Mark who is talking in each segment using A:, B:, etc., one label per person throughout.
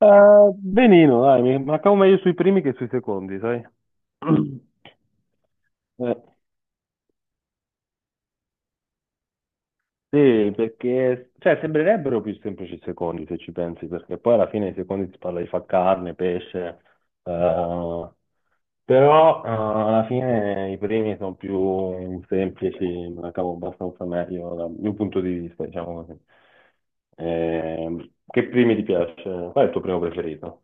A: Benino, dai, mi mancavo meglio sui primi che sui secondi, sai? Eh, sì, perché cioè, sembrerebbero più semplici i secondi se ci pensi, perché poi alla fine i secondi si parla di far carne, pesce, eh, però alla fine i primi sono più semplici, me la cavo abbastanza meglio dal mio punto di vista, diciamo così. Che primi ti piace? Qual è il tuo primo preferito?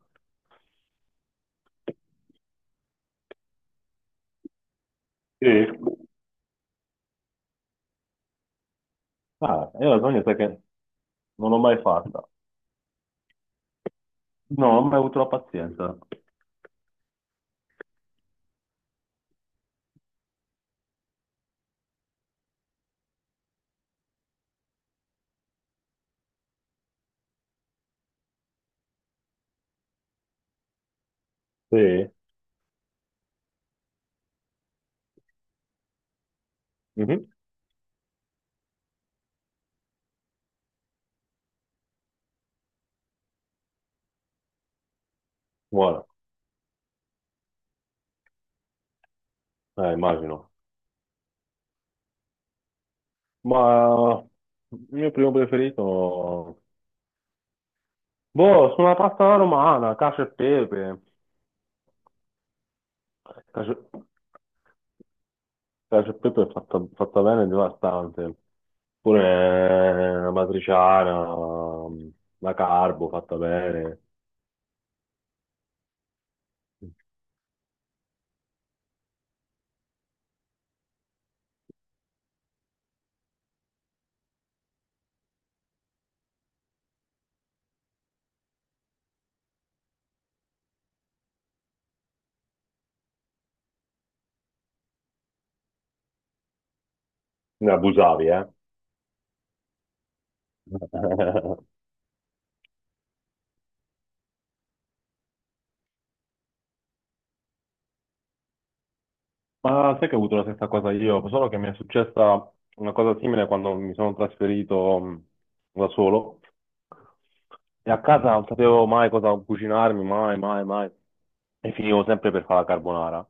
A: Sì. Ah, io la lasagna sai che non l'ho mai fatta. No, non ho mai avuto la pazienza. Sì. Mhm. Buona, immagino. Ma il mio primo preferito... Boh, sono la pasta alla romana, cacio e pepe. Cacio, cacio e pepe è fatta bene e devastante. Pure la matriciana, la carbo fatta bene. Ne abusavi, eh? Ma sai che ho avuto la stessa cosa io, solo che mi è successa una cosa simile quando mi sono trasferito da solo e a casa non sapevo mai cosa cucinarmi, mai, mai, mai, e finivo sempre per fare la carbonara.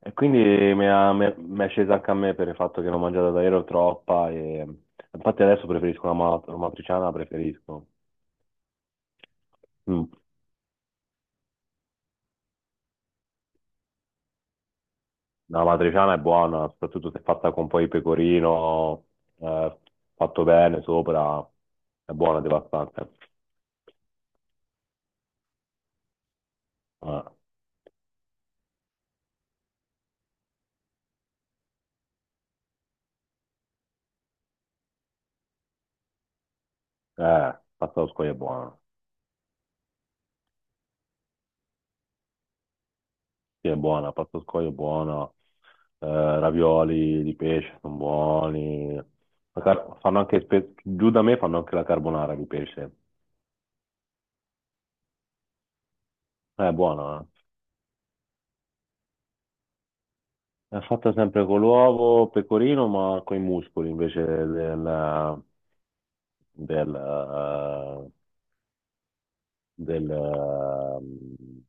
A: E quindi mi è scesa anche a me per il fatto che l'ho mangiata davvero troppa e infatti adesso preferisco la matriciana, preferisco. Mm. La matriciana è buona, soprattutto se fatta con poi pecorino, eh, fatto bene sopra, è buona, devastante. Eh, eh, pasta allo scoglio è buona, sì è buona, pasta allo scoglio è buona, ravioli di pesce sono buoni. Fanno anche, giù da me fanno anche la carbonara di pesce. È buona, eh. È fatta sempre con l'uovo, pecorino, ma con i muscoli invece del, eh, del, eh,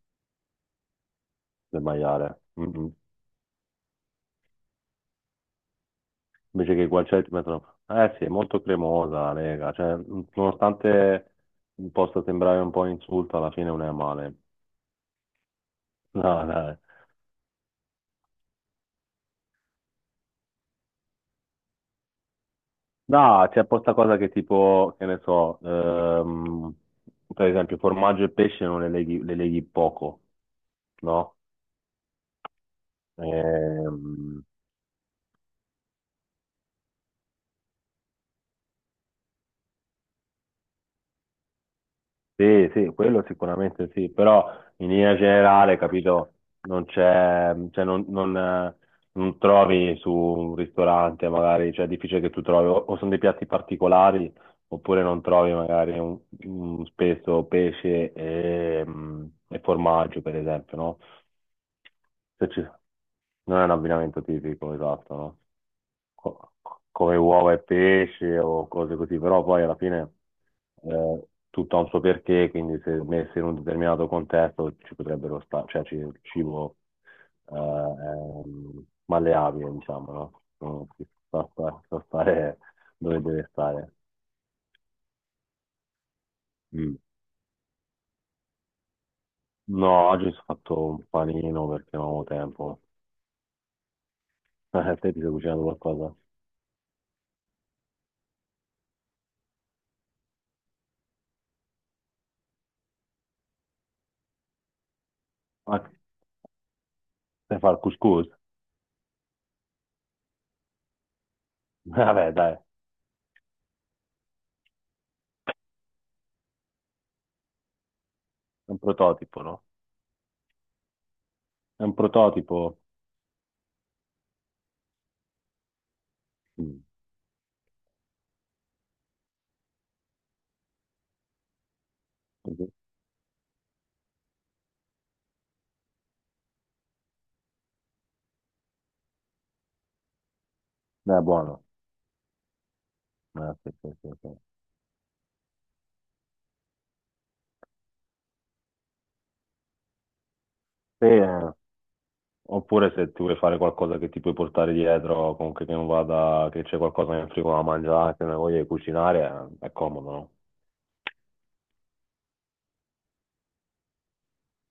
A: del maiale. Mm, mm. Invece che i guanciale ti mettono... Eh sì, è molto cremosa la lega, cioè, mm, nonostante possa sembrare un po' un insulto, alla fine non è male. No, dai. No, c'è posta cosa che tipo, che ne so, per esempio formaggio e pesce non le leghi, le leghi poco, no? Ehm, Sì, sì, quello sicuramente sì, però in linea generale, capito, non c'è, cioè non trovi su un ristorante magari, cioè è difficile che tu trovi, o sono dei piatti particolari, oppure non trovi magari un, spesso pesce e, mm, e formaggio, per esempio, no? Se ci- Non è un abbinamento tipico, esatto, no? Co- Come uova e pesce o cose così, però poi alla fine tutto ha un suo perché, quindi se messo in un determinato contesto ci potrebbero stare, il cibo è malleabile, diciamo, no? No, sa stare dove deve stare. Mm. No, oggi ho fatto un panino perché non avevo tempo. Te ti sei cucinato qualcosa? Sai fare il couscous? Vabbè, dai, è un prototipo, no? È un prototipo. Mm. È buono. Sì, sì, sì, sì. Sì, eh. Oppure se ti vuoi fare qualcosa che ti puoi portare dietro, comunque che non vada, che c'è qualcosa nel frigo da mangiare, se non hai voglia di cucinare, è comodo, no?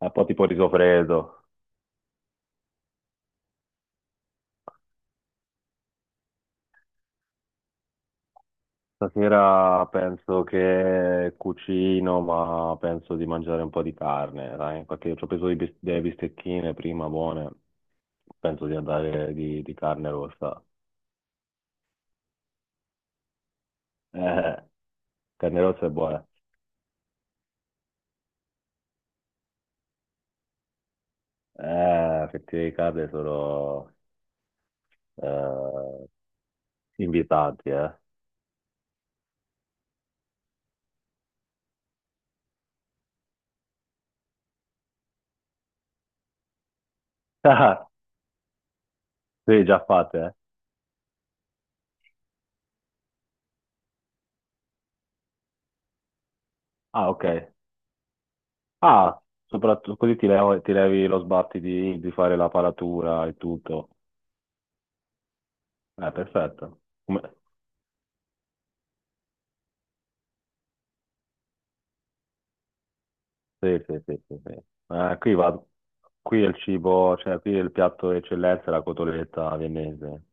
A: E poi tipo il riso freddo. Stasera penso che cucino, ma penso di mangiare un po' di carne, dai, perché ci ho preso delle bistecchine prima buone, penso di andare di carne rossa. Eh, carne rossa è buona. Fettuine di carne sono eh, invitanti, eh. Sì, già fatte, eh. Ah, ok. Ah, soprattutto così ti levi lo sbatti di fare la paratura e tutto. Perfetto. Come- Sì, sì, sì, sì, sì. Qui va, qui è il cibo, cioè qui il piatto d'eccellenza è la cotoletta viennese.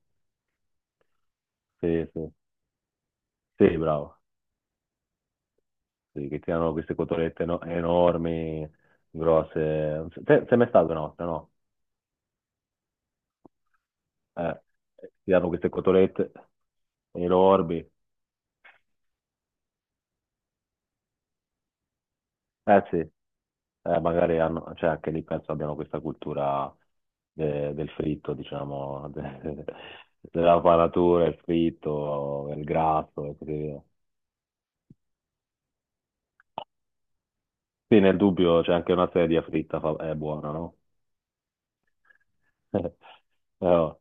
A: Sì, sì. Sì, bravo. Sì, che tirano queste cotolette enormi, grosse. Te- Sei mai stato in Austria, no? Eh, tirano queste cotolette enormi. Eh sì, magari hanno, cioè anche lì penso abbiano questa cultura del fritto, diciamo, della panatura, il fritto, il grasso e così via. Sì, nel dubbio c'è anche una sedia fritta, è buona, no? Però,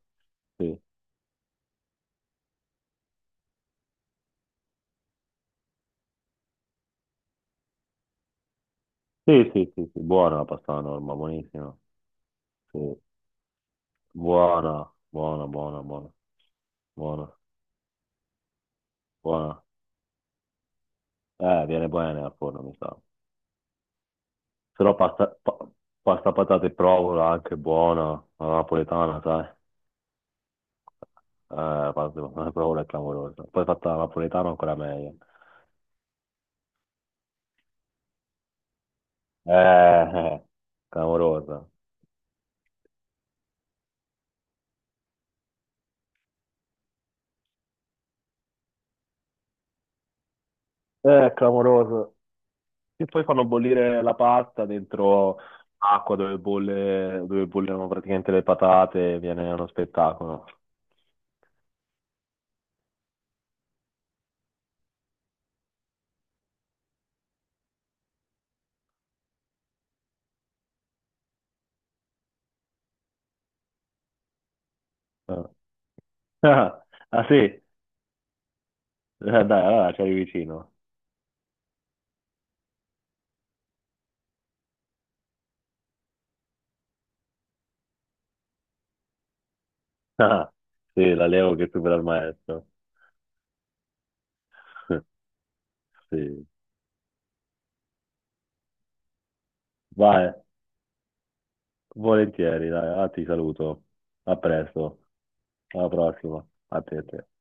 A: sì. Sì, sì, sì, sì, buona la pasta alla norma, buonissima. Sì. Buona, buona, buona, buona, buona, buona. Viene bene al forno, mi sa. Però pasta patate e provola anche buona, la napoletana, sai? Pasta patate e provola è clamorosa. Poi fatta la napoletana ancora meglio. Eh, eh, clamorosa. Clamorosa. E poi fanno bollire la pasta dentro acqua dove bolle, dove bollono praticamente le patate, viene uno spettacolo. Eh. Ah, sì? Dai, allora c'eri vicino. Ah, sì, l'allievo che supera il maestro. Sì. Vai, volentieri, dai, ah, ti saluto. A presto, alla prossima. A te, a te.